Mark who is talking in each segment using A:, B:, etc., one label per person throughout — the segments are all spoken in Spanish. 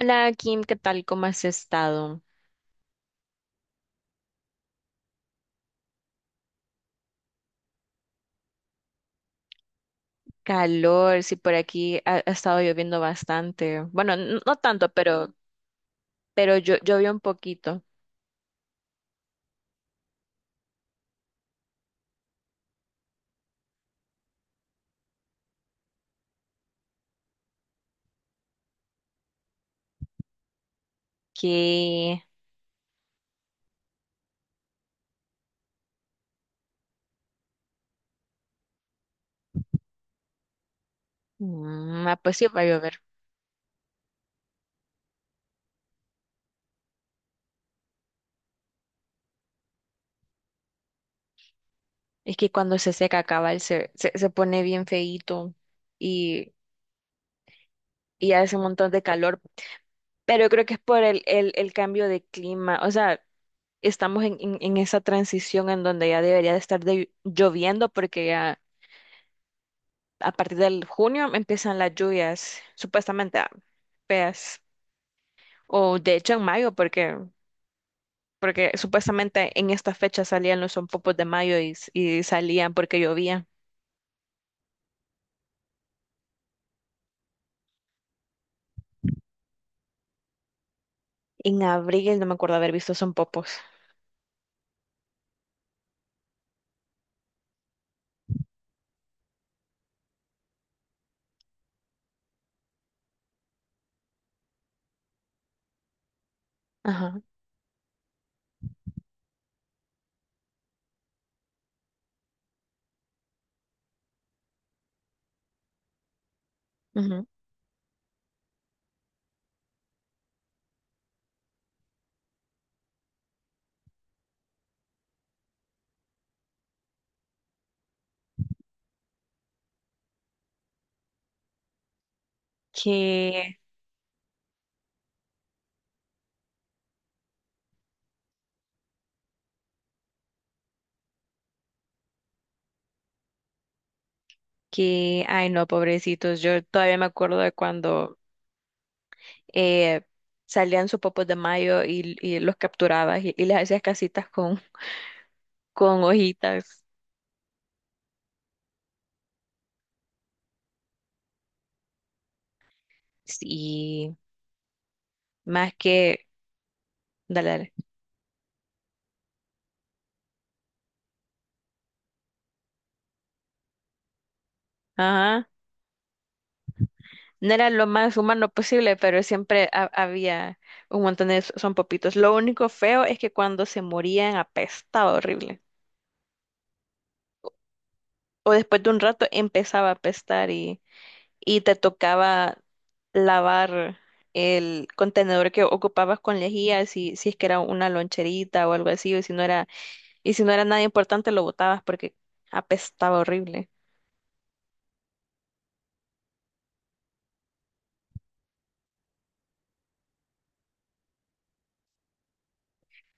A: Hola Kim, ¿qué tal? ¿Cómo has estado? Calor, sí, por aquí ha estado lloviendo bastante. Bueno, no tanto, pero yo llovió un poquito. Que, mm, ah, pues sí va a llover. Es que cuando se seca cabal se pone bien feíto y, y hace un montón de calor. Pero creo que es por el cambio de clima. O sea, estamos en esa transición en donde ya debería de estar lloviendo porque ya a partir del junio empiezan las lluvias supuestamente feas. O de hecho en mayo, porque supuestamente en esta fecha salían los sonpopos de mayo y, y salían porque llovía. En abril no me acuerdo haber visto sonpopos. Ajá. Ujú. Que, ay no, pobrecitos. Yo todavía me acuerdo de cuando eh, salían sonpopos de mayo y los capturabas y les hacías casitas con hojitas. Sí, más que... Dale, dale. Ajá. No era lo más humano posible, pero siempre había un montón de son popitos. Lo único feo es que cuando se morían apestaba horrible. O después de un rato empezaba a apestar y te tocaba lavar el contenedor que ocupabas con lejía, si, si es que era una loncherita o algo así, o si no era, y si no era nada importante lo botabas porque apestaba horrible.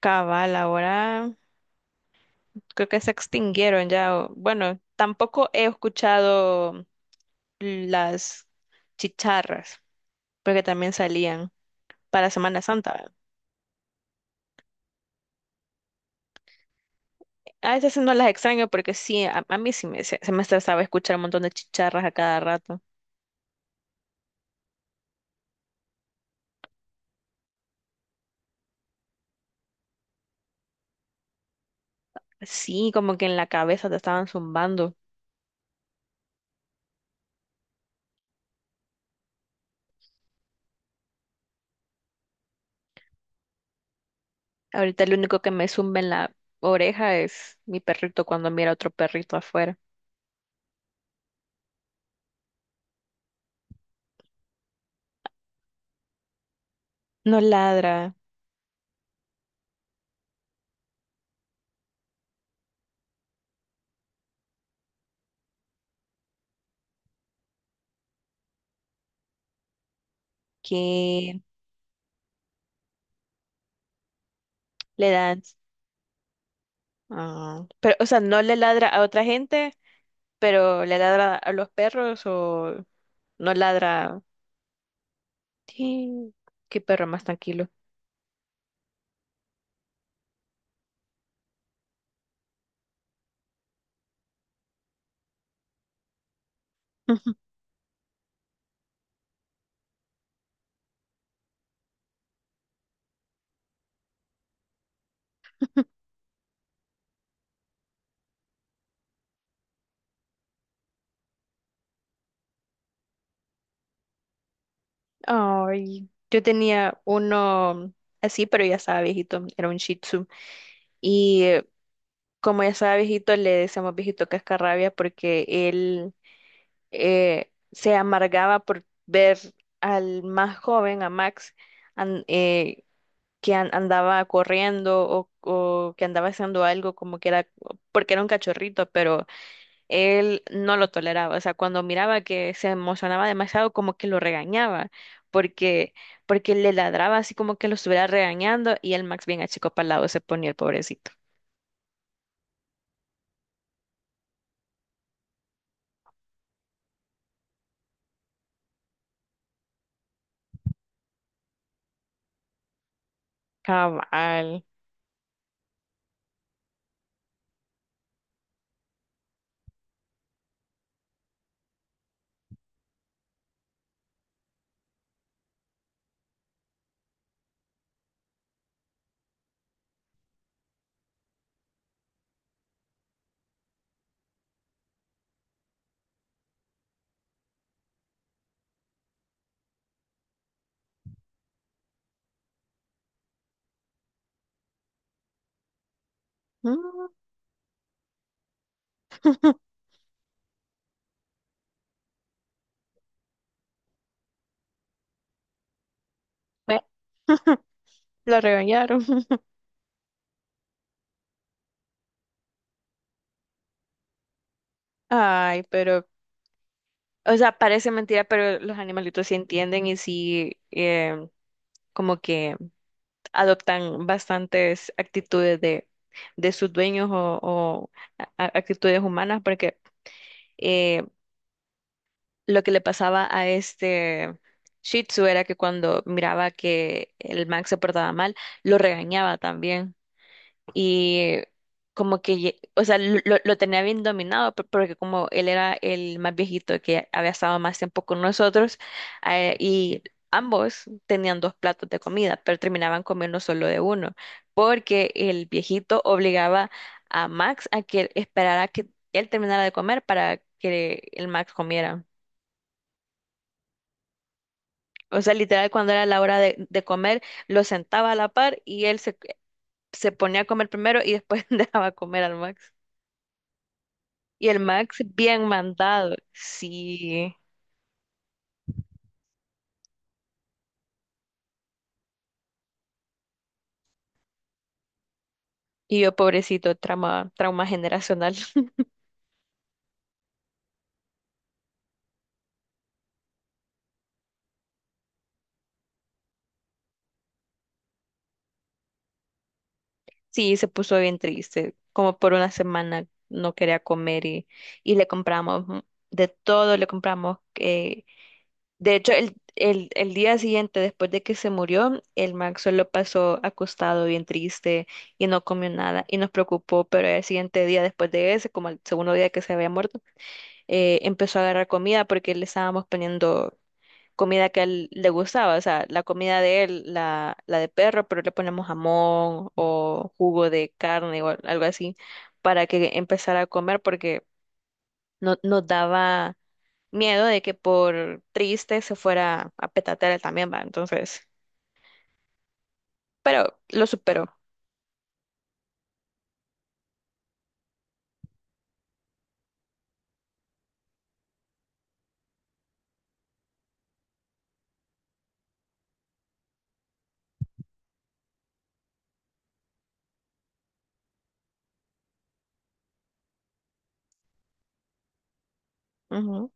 A: Cabal, ahora creo que se extinguieron ya. Bueno, tampoco he escuchado las chicharras, porque también salían para Semana Santa, ¿verdad? A veces no las extraño porque sí, a mí sí me, se me estresaba escuchar un montón de chicharras a cada rato. Sí, como que en la cabeza te estaban zumbando. Ahorita lo único que me zumba en la oreja es mi perrito cuando mira a otro perrito afuera. No ladra, que le dan... Pero, o sea, no le ladra a otra gente, pero le ladra a los perros o no ladra. Sí, qué perro más tranquilo. Ay, yo tenía uno así, pero ya estaba viejito, era un Shih Tzu. Y como ya estaba viejito, le decíamos viejito cascarrabia porque él se amargaba por ver al más joven, a Max, an- eh, andaba corriendo o que andaba haciendo algo como que era, porque era un cachorrito, pero él no lo toleraba, o sea, cuando miraba que se emocionaba demasiado, como que lo regañaba, porque, porque le ladraba así como que lo estuviera regañando y el Max bien achicopalado se ponía el pobrecito. Cabal. Mm. Bueno, lo regañaron. Ay, pero o sea, parece mentira, pero los animalitos sí entienden y sí como que adoptan bastantes actitudes de sus dueños o actitudes humanas, porque lo que le pasaba a este Shih Tzu era que cuando miraba que el Max se portaba mal, lo regañaba también. Y como que, o sea, lo tenía bien dominado, porque como él era el más viejito que había estado más tiempo con nosotros, y ambos tenían dos platos de comida, pero terminaban comiendo solo de uno, porque el viejito obligaba a Max a que esperara que él terminara de comer para que el Max comiera. O sea, literal, cuando era la hora de comer, lo sentaba a la par y él se ponía a comer primero y después dejaba comer al Max. Y el Max bien mandado, sí. Y yo, pobrecito, trauma generacional. Sí, se puso bien triste. Como por una semana no quería comer y le compramos de todo, le compramos de hecho, el día siguiente, después de que se murió, el Max solo pasó acostado, bien triste, y no comió nada, y nos preocupó, pero el siguiente día, después de ese, como el segundo día que se había muerto, empezó a agarrar comida porque le estábamos poniendo comida que a él le gustaba, o sea, la comida de él, la de perro, pero le ponemos jamón o jugo de carne o algo así, para que empezara a comer porque no, nos daba miedo de que por triste se fuera a petatear él también, va. Entonces, pero lo superó. Ujú.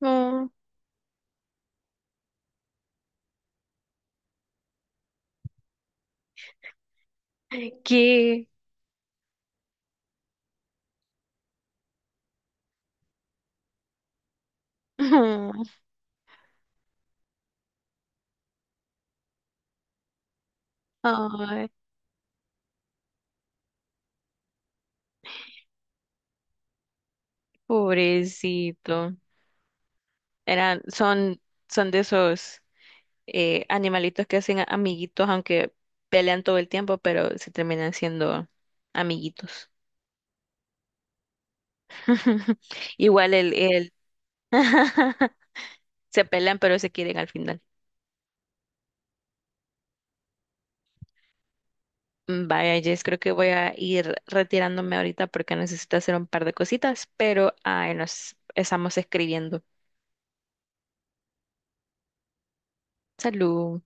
A: Mm, ¿qué? Ujú. Ay, pobrecito. Eran, son, son de esos animalitos que hacen amiguitos, aunque pelean todo el tiempo, pero se terminan siendo amiguitos. Igual el se pelean, pero se quieren al final. Mm, vaya, Jess, creo que voy a ir retirándome ahorita porque necesito hacer un par de cositas, pero ahí nos estamos escribiendo. Salud.